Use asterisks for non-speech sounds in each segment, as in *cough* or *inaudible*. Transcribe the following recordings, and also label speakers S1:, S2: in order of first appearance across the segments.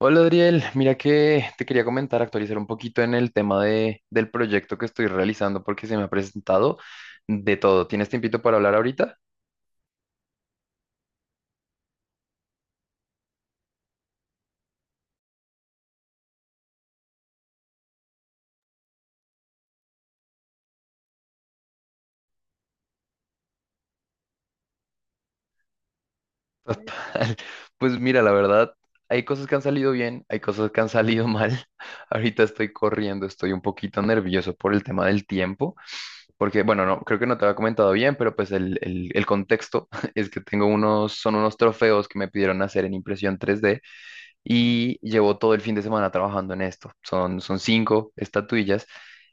S1: Hola Adriel, mira que te quería comentar, actualizar un poquito en el tema del proyecto que estoy realizando porque se me ha presentado de todo. ¿Tienes tiempito para hablar ahorita? *laughs* Total. Pues mira, la verdad, hay cosas que han salido bien, hay cosas que han salido mal. *laughs* Ahorita estoy corriendo, estoy un poquito nervioso por el tema del tiempo, porque bueno, no, creo que no te había comentado bien, pero pues el contexto *laughs* es que tengo unos, son unos trofeos que me pidieron hacer en impresión 3D y llevo todo el fin de semana trabajando en esto. Son cinco estatuillas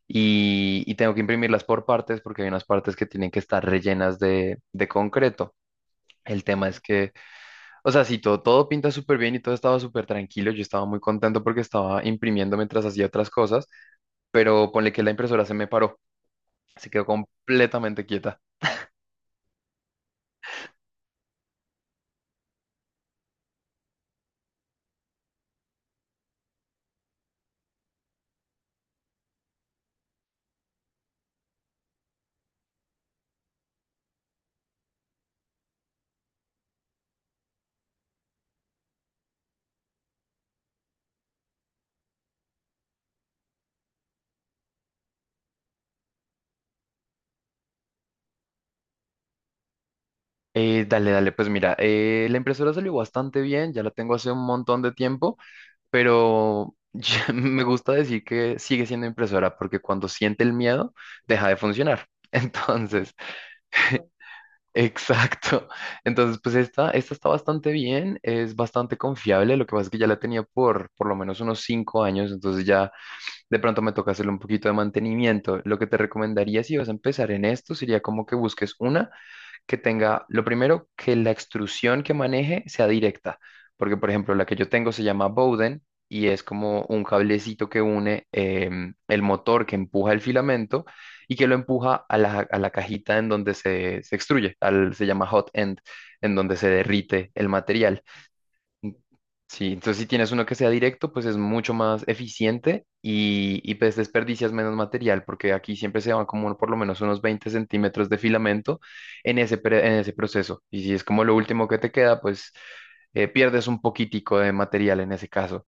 S1: y tengo que imprimirlas por partes porque hay unas partes que tienen que estar rellenas de concreto. El tema es que, o sea, si todo pinta súper bien y todo estaba súper tranquilo, yo estaba muy contento porque estaba imprimiendo mientras hacía otras cosas, pero ponle que la impresora se me paró, se quedó completamente quieta. Pues mira, la impresora salió bastante bien, ya la tengo hace un montón de tiempo, pero *laughs* me gusta decir que sigue siendo impresora porque cuando siente el miedo, deja de funcionar. *laughs* Entonces, exacto. Entonces, pues esta está bastante bien, es bastante confiable. Lo que pasa es que ya la tenía por lo menos unos 5 años, entonces ya de pronto me toca hacerle un poquito de mantenimiento. Lo que te recomendaría si vas a empezar en esto sería como que busques una que tenga, lo primero, que la extrusión que maneje sea directa, porque por ejemplo la que yo tengo se llama Bowden y es como un cablecito que une el motor que empuja el filamento y que lo empuja a a la cajita en donde se extruye, al, se llama hot end, en donde se derrite el material. Mm, Sí, entonces si tienes uno que sea directo, pues es mucho más eficiente y pues desperdicias menos material, porque aquí siempre se van como por lo menos unos 20 centímetros de filamento en en ese proceso. Y si es como lo último que te queda, pues pierdes un poquitico de material en ese caso.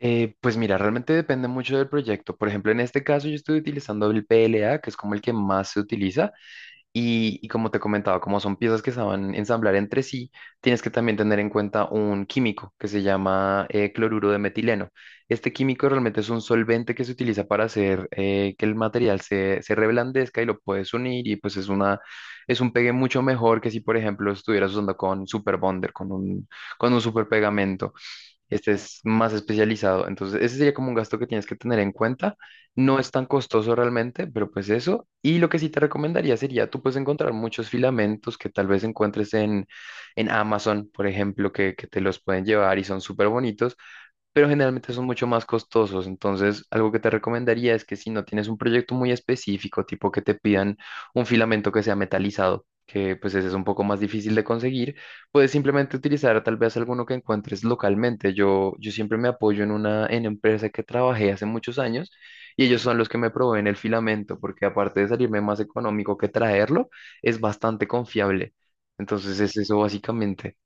S1: Pues mira, realmente depende mucho del proyecto. Por ejemplo, en este caso yo estoy utilizando el PLA, que es como el que más se utiliza. Y como te comentaba, como son piezas que se van a ensamblar entre sí, tienes que también tener en cuenta un químico que se llama cloruro de metileno. Este químico realmente es un solvente que se utiliza para hacer que el material se reblandezca y lo puedes unir y pues es una, es un pegue mucho mejor que si, por ejemplo, estuvieras usando con super bonder, con un super pegamento. Este es más especializado. Entonces, ese sería como un gasto que tienes que tener en cuenta. No es tan costoso realmente, pero pues eso. Y lo que sí te recomendaría sería, tú puedes encontrar muchos filamentos que tal vez encuentres en Amazon, por ejemplo, que te los pueden llevar y son súper bonitos, pero generalmente son mucho más costosos. Entonces, algo que te recomendaría es que si no tienes un proyecto muy específico, tipo que te pidan un filamento que sea metalizado, que pues ese es un poco más difícil de conseguir, puedes simplemente utilizar tal vez alguno que encuentres localmente. Yo siempre me apoyo en una en empresa que trabajé hace muchos años y ellos son los que me proveen el filamento, porque aparte de salirme más económico que traerlo, es bastante confiable. Entonces es eso básicamente.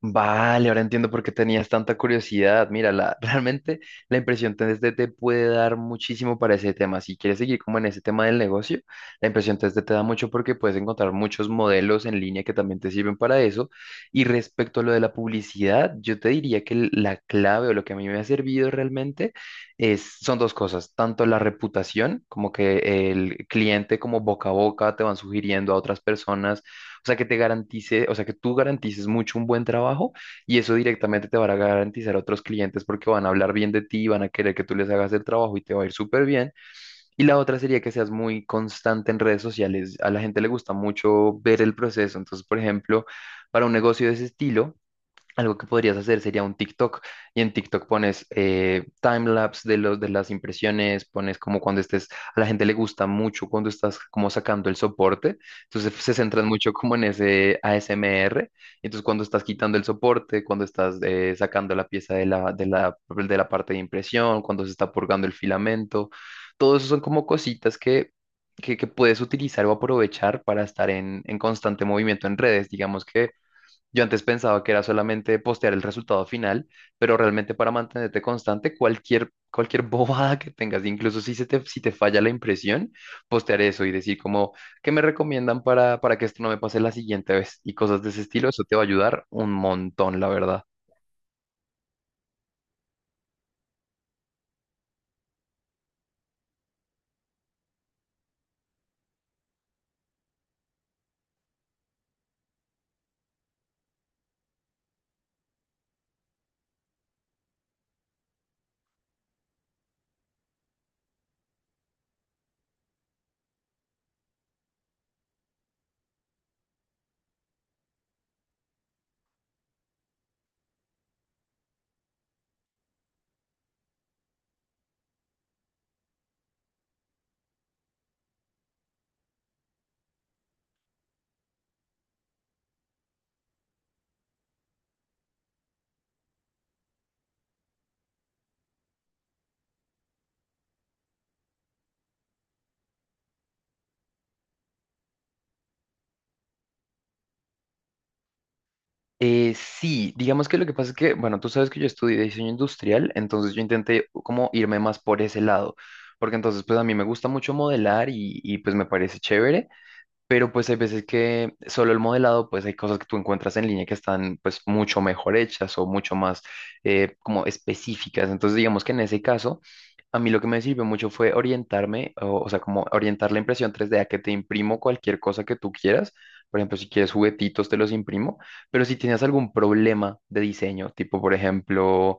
S1: Vale, ahora entiendo por qué tenías tanta curiosidad. Mira, la, *laughs* realmente la impresión 3D te puede dar muchísimo para ese tema. Si quieres seguir como en ese tema del negocio, la impresión 3D te da mucho porque puedes encontrar muchos modelos en línea que también te sirven para eso. Y respecto a lo de la publicidad, yo te diría que la clave o lo que a mí me ha servido realmente es, son dos cosas, tanto la reputación, como que el cliente como boca a boca te van sugiriendo a otras personas, o sea, que te garantice, o sea, que tú garantices mucho un buen trabajo y eso directamente te va a garantizar a otros clientes porque van a hablar bien de ti, van a querer que tú les hagas el trabajo y te va a ir súper bien. Y la otra sería que seas muy constante en redes sociales. A la gente le gusta mucho ver el proceso. Entonces, por ejemplo, para un negocio de ese estilo, algo que podrías hacer sería un TikTok y en TikTok pones timelapse de, los de las impresiones, pones como cuando estés, a la gente le gusta mucho cuando estás como sacando el soporte, entonces se centran mucho como en ese ASMR, entonces cuando estás quitando el soporte, cuando estás sacando la pieza de de la parte de impresión, cuando se está purgando el filamento, todo eso son como cositas que... que puedes utilizar o aprovechar para estar en constante movimiento en redes. Digamos que yo antes pensaba que era solamente postear el resultado final, pero realmente para mantenerte constante, cualquier *laughs* bobada que tengas, incluso si te falla la impresión, postear eso y decir como, ¿qué me recomiendan para que esto no me pase la siguiente vez? Y cosas de ese estilo, eso te va a ayudar un montón, la verdad. Sí, digamos que lo que pasa es que, bueno, tú sabes que yo estudié diseño industrial, entonces yo intenté como irme más por ese lado, porque entonces pues a mí me gusta mucho modelar y pues me parece chévere, pero pues hay veces que solo el modelado, pues hay cosas que tú encuentras en línea que están pues mucho mejor hechas o mucho más como específicas. Entonces digamos que en ese caso, a mí lo que me sirvió mucho fue orientarme, o sea, como orientar la impresión 3D a que te imprimo cualquier cosa que tú quieras. Por ejemplo, si quieres juguetitos, te los imprimo, pero si tienes algún problema de diseño, tipo, por ejemplo,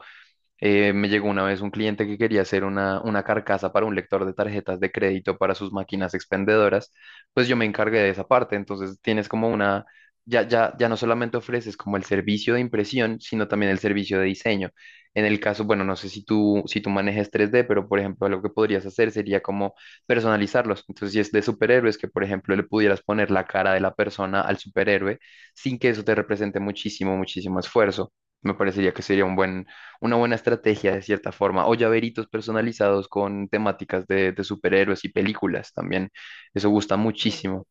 S1: me llegó una vez un cliente que quería hacer una carcasa para un lector de tarjetas de crédito para sus máquinas expendedoras, pues yo me encargué de esa parte, entonces tienes como una, ya no solamente ofreces como el servicio de impresión, sino también el servicio de diseño. En el caso, bueno, no sé si tú manejes 3D, pero por ejemplo, lo que podrías hacer sería como personalizarlos. Entonces, si es de superhéroes, que por ejemplo le pudieras poner la cara de la persona al superhéroe sin que eso te represente muchísimo, muchísimo esfuerzo. Me parecería que sería un buen una buena estrategia de cierta forma, o llaveritos personalizados con temáticas de superhéroes y películas también. Eso gusta muchísimo.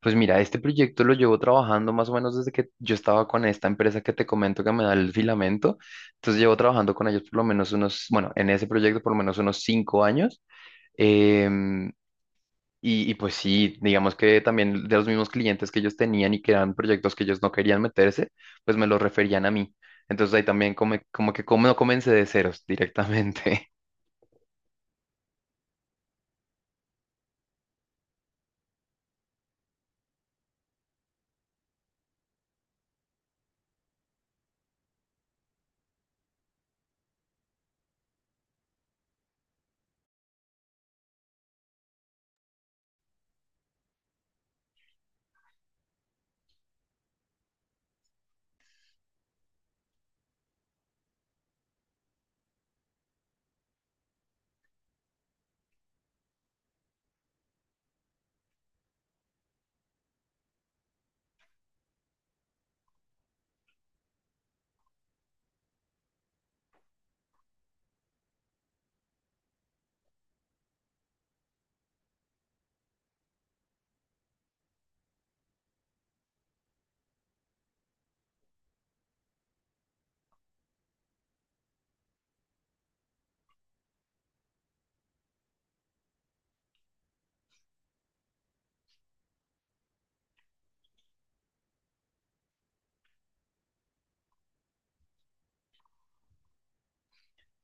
S1: Pues mira, este proyecto lo llevo trabajando más o menos desde que yo estaba con esta empresa que te comento que me da el filamento. Entonces llevo trabajando con ellos por lo menos unos, bueno, en ese proyecto por lo menos unos 5 años. Em, y pues sí, digamos que también de los mismos clientes que ellos tenían y que eran proyectos que ellos no querían meterse, pues me los referían a mí. Entonces ahí también como no comencé de ceros directamente.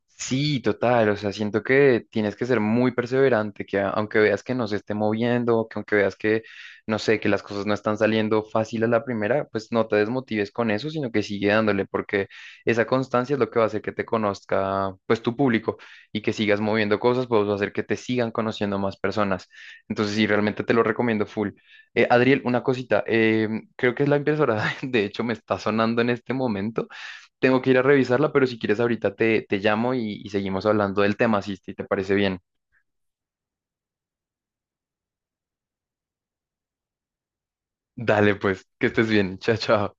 S1: Sí, total, o sea, siento que tienes que ser muy perseverante, que aunque veas que no se esté moviendo, que aunque veas que, no sé, que las cosas no están saliendo fácil a la primera, pues no te desmotives con eso, sino que sigue dándole, porque esa constancia es lo que va a hacer que te conozca, pues, tu público y que sigas moviendo cosas, pues va a hacer que te sigan conociendo más personas. Entonces, sí, realmente te lo recomiendo full. Adriel, una cosita, creo que es la impresora, *laughs* de hecho, me está sonando en este momento, tengo que ir a revisarla, pero si quieres ahorita te llamo y seguimos hablando del tema, si te parece bien. Dale, pues, que estés bien. Chao, chao.